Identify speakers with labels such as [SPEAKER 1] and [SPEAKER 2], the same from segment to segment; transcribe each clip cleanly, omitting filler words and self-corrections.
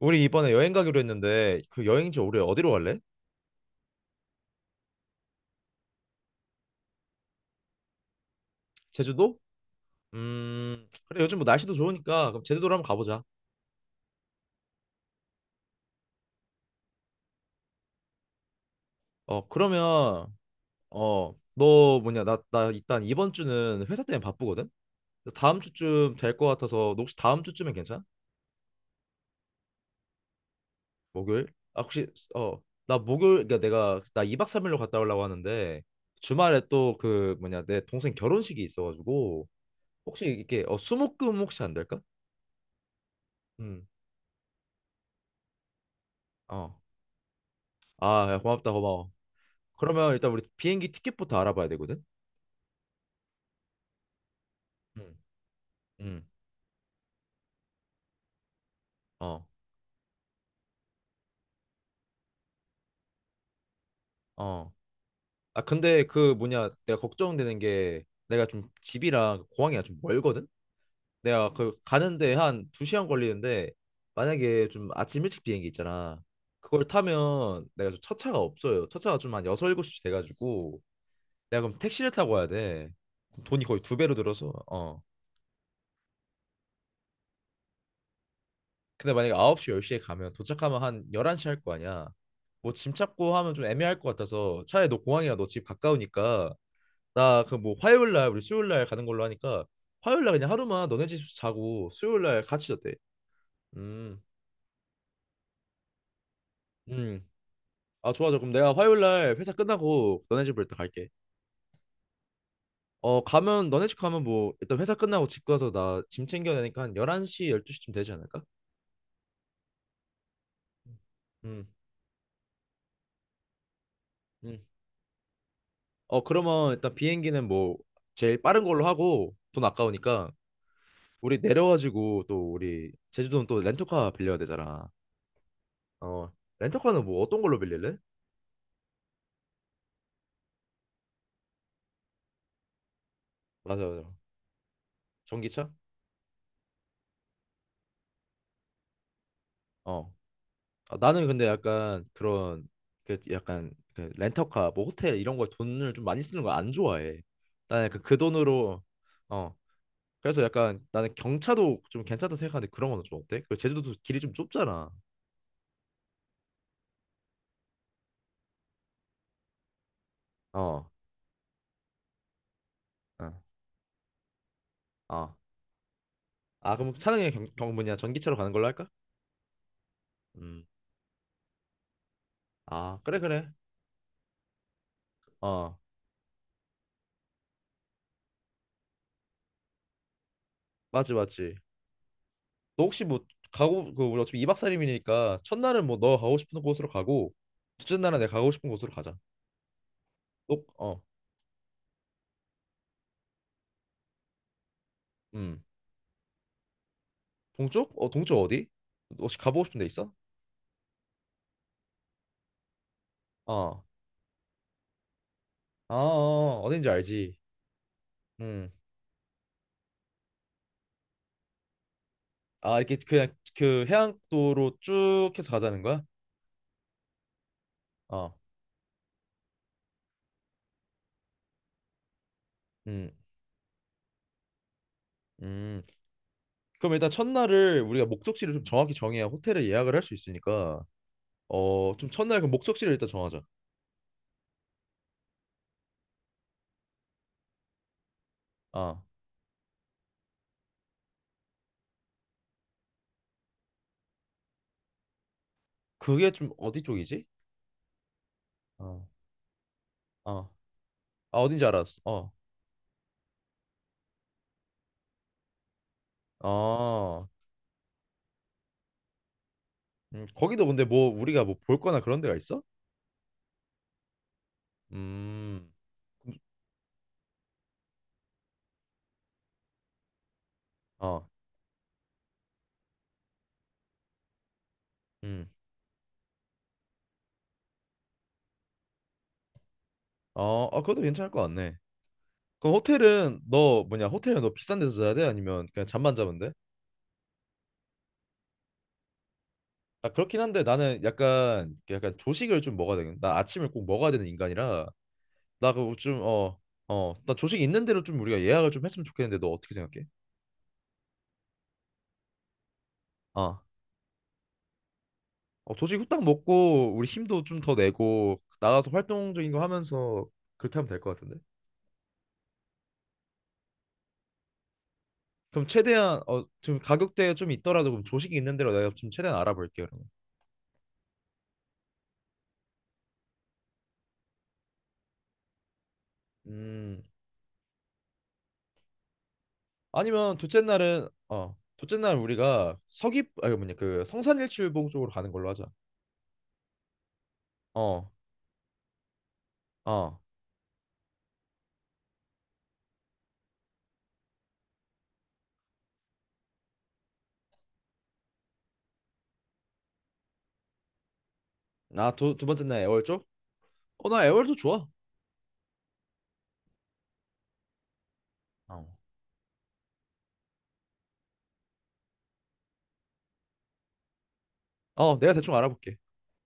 [SPEAKER 1] 우리 이번에 여행 가기로 했는데 그 여행지 올해 어디로 갈래? 제주도? 그래, 요즘 뭐 날씨도 좋으니까 그럼 제주도로 한번 가보자. 그러면. 너 뭐냐 나 일단 이번 주는 회사 때문에 바쁘거든. 그래서 다음 주쯤 될 것 같아서 너 혹시 다음 주쯤엔 괜찮아? 목요일? 아 혹시 어 나 목요일. 그러니까 내가 나 2박 3일로 갔다 오려고 하는데 주말에 또 그 뭐냐 내 동생 결혼식이 있어가지고 혹시 이게 수목금 혹시 안 될까? 음. 어. 아, 야, 고맙다, 고마워. 그러면 일단 우리 비행기 티켓부터 알아봐야 되거든. 응, 응, 어, 어. 아 근데 그 뭐냐 내가 걱정되는 게 내가 좀 집이랑 공항이랑 좀 멀거든. 내가 그 가는데 한 2시간 걸리는데 만약에 좀 아침 일찍 비행기 있잖아. 그걸 타면 내가 좀 첫차가 없어요. 첫차가 좀 한 6, 7시 돼가지고 내가 그럼 택시를 타고 와야 돼. 그럼 돈이 거의 두 배로 들어서 어. 근데 만약에 9시, 10시에 가면 도착하면 한 11시 할 거 아니야. 뭐 짐 찾고 하면 좀 애매할 것 같아서 차라리 너 공항이나 너 집 가까우니까 나 그 뭐 화요일 날 우리 수요일 날 가는 걸로 하니까 화요일 날 그냥 하루만 너네 집 자고 수요일 날 같이 잤대. 음. 음. 아, 좋아. 좋아. 그럼 내가 화요일 날 회사 끝나고 너네 집으로 일단 갈게. 어, 가면 너네 집 가면 뭐 일단 회사 끝나고 집 가서 나 짐 챙겨야 되니까 한 11시, 12시쯤 되지 않을까? 음. 음. 어, 그러면 일단 비행기는 뭐 제일 빠른 걸로 하고 돈 아까우니까 우리 내려가지고 또 우리 제주도는 또 렌터카 빌려야 되잖아. 어, 렌터카는 뭐 어떤 걸로 빌릴래? 맞아, 맞아. 전기차? 어. 아, 나는 근데 약간 그런 그 약간 그 렌터카 뭐 호텔 이런 거에 돈을 좀 많이 쓰는 거 안 좋아해. 나는 약간 그 돈으로. 어. 그래서 약간 나는 경차도 좀 괜찮다 생각하는데 그런 거는 좀 어때? 그 제주도도 길이 좀 좁잖아. 어. 어. 어. 아 그럼 차량이 경, 경 뭐냐 전기차로 가는 걸로 할까? 음. 아 그래 그래 어 맞지 맞지. 너 혹시 뭐 가고 그 우리 어차피 2박 3일이니까 첫날은 뭐 너 가고 싶은 곳으로 가고 둘째 날은 내가 가고 싶은 곳으로 가자. 너어음 동쪽? 어 동쪽 어디? 너 혹시 가보고 싶은 데 있어? 어. 아, 어. 아, 어, 어. 어딘지 알지. 음아 이렇게 그냥 그 해안도로 쭉 해서 가자는 거야? 어음음 그럼 일단 첫날을 우리가 목적지를 좀 정확히 정해야 호텔을 예약을 할 수 있으니까. 어, 좀 첫날 그 목적지를 일단 정하자. 아, 그게 좀 어디 쪽이지? 어, 어, 아, 어딘지 알았어. 어, 어. 거기도 근데 뭐 우리가 뭐 볼 거나 그런 데가 있어? 음, 어, 음, 어, 아, 그것도 괜찮을 것 같네. 그럼 호텔은 너 뭐냐? 호텔은 너 비싼 데서 자야 돼? 아니면 그냥 잠만 자면 돼? 아, 그렇긴 한데 나는 약간 조식을 좀 먹어야 되거든. 나 아침을 꼭 먹어야 되는 인간이라 나 그거 좀 어. 나 조식 있는 대로 좀 우리가 예약을 좀 했으면 좋겠는데 너 어떻게 생각해? 어. 어, 조식 후딱 먹고 우리 힘도 좀 더 내고 나가서 활동적인 거 하면서 그렇게 하면 될 것 같은데. 그럼 최대한 지금 가격대에 좀 있더라도 그럼 조식이 있는 대로 내가 좀 최대한 알아볼게요. 그러면. 음. 아니면 둘째 날은 어 둘째 날 우리가 서귀 아 이거 뭐냐 그 성산일출봉 쪽으로 가는 걸로 하자. 어어나두 두 번째 날 애월 쪽? 어 나 애월도 좋아. 어. 어 내가 대충 알아볼게.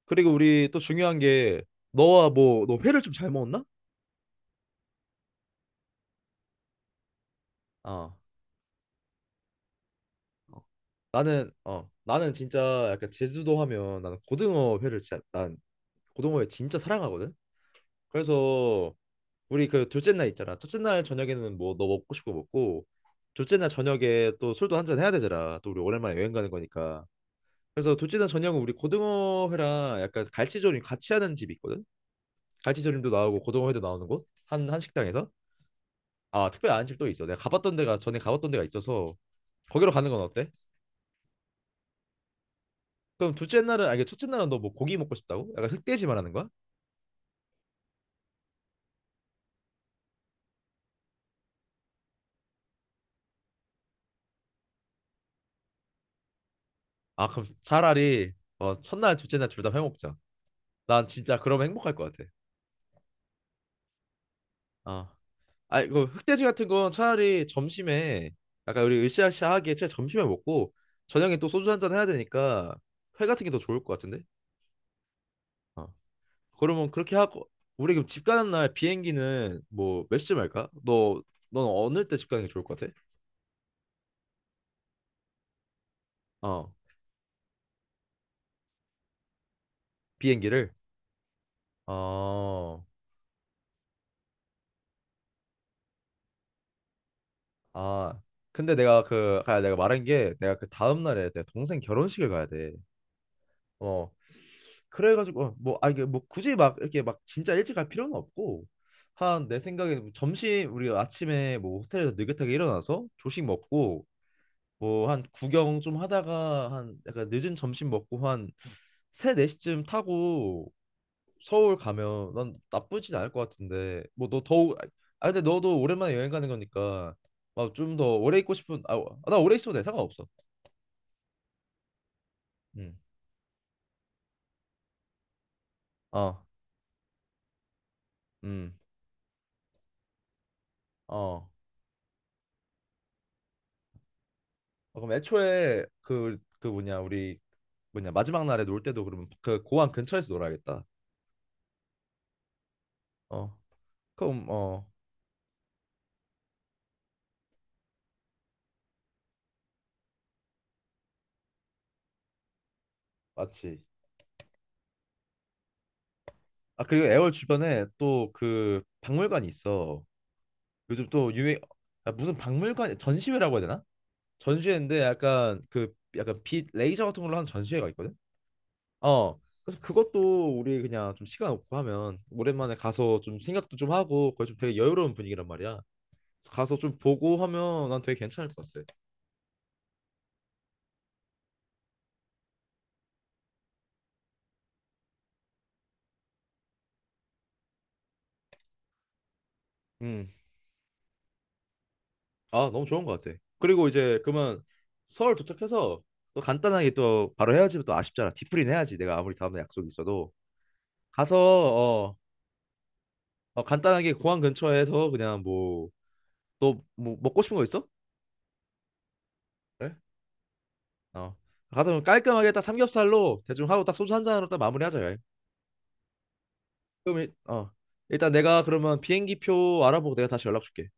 [SPEAKER 1] 그리고 우리 또 중요한 게 너와 뭐 너 회를 좀 잘 먹었나? 어. 나는 진짜 약간 제주도 하면 나는 고등어 회를 진짜 난 고등어 회 진짜 사랑하거든. 그래서 우리 그 둘째 날 있잖아. 첫째 날 저녁에는 뭐 너 먹고 싶고 먹고 둘째 날 저녁에 또 술도 한잔 해야 되잖아. 또 우리 오랜만에 여행 가는 거니까. 그래서 둘째 날 저녁은 우리 고등어 회랑 약간 갈치조림 같이 하는 집이 있거든. 갈치조림도 나오고 고등어 회도 나오는 곳 한 한 식당에서. 아 특별히 아는 집도 있어. 내가 가봤던 데가 전에 가봤던 데가 있어서 거기로 가는 건 어때? 그럼 둘째 날은 아니 첫째 날은 너 뭐 고기 먹고 싶다고? 약간 흑돼지 말하는 거야? 아 그럼 차라리 첫날 둘째 날 둘 다 해먹자. 난 진짜 그러면 행복할 것 같아. 아. 아니 그 흑돼지 같은 건 차라리 점심에 약간 우리 으쌰으쌰하게 진짜 점심에 먹고 저녁에 또 소주 한잔 해야 되니까 회 같은 게 더 좋을 것 같은데? 어. 그러면 그렇게 하고 우리 그럼 집 가는 날 비행기는 뭐 몇 시쯤 할까? 너 넌 어느 때 집 가는 게 좋을 것 같아? 어 비행기를. 어. 아, 근데 내가 그, 아, 내가 말한 게, 내가 그 다음날에 내 동생 결혼식을 가야 돼. 어, 그래가지고, 어, 뭐, 아, 이게 뭐 굳이 막, 이렇게 막 진짜 일찍 갈 필요는 없고, 한, 내 생각에 뭐 점심, 우리 아침에 뭐 호텔에서 느긋하게 일어나서 조식 먹고, 뭐 한 구경 좀 하다가 한, 약간 늦은 점심 먹고 한 3, 4시쯤 타고 서울 가면 난 나쁘진 않을 것 같은데 뭐 너 더욱. 아 근데 너도 오랜만에 여행 가는 거니까 막 좀 더 오래 있고 싶은 아나 오래 있어도 돼 상관없어. 음어음어 그럼 애초에 뭐냐 우리 뭐냐 마지막 날에 놀 때도 그러면 그 고항 근처에서 놀아야겠다. 어 그럼 어 맞지. 아 그리고 애월 주변에 또 그 박물관이 있어. 요즘 또 유행 아, 무슨 박물관 전시회라고 해야 되나. 전시회인데 약간 그 약간 빛 레이저 같은 걸로 하는 전시회가 있거든. 어. 그래서 그것도 우리 그냥 좀 시간 없고 하면 오랜만에 가서 좀 생각도 좀 하고 거기 좀 되게 여유로운 분위기란 말이야. 그래서 가서 좀 보고 하면 난 되게 괜찮을 것 같아. 음. 아, 너무 좋은 것 같아. 그리고 이제 그러면 서울 도착해서 또 간단하게 또 바로 해야지 또 아쉽잖아. 뒤풀이는 해야지. 내가 아무리 다음날 약속이 있어도 가서 어. 어 간단하게 공항 근처에서 그냥 뭐 너 뭐 먹고 싶은 거 있어? 그래? 어. 가서 그럼 깔끔하게 딱 삼겹살로 대충 하고 딱 소주 한 잔으로 딱 마무리하자. 야. 그럼 일, 어. 일단 내가 그러면 비행기표 알아보고 내가 다시 연락 줄게.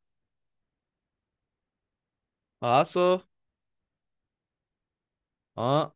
[SPEAKER 1] 아, 알았어. 어.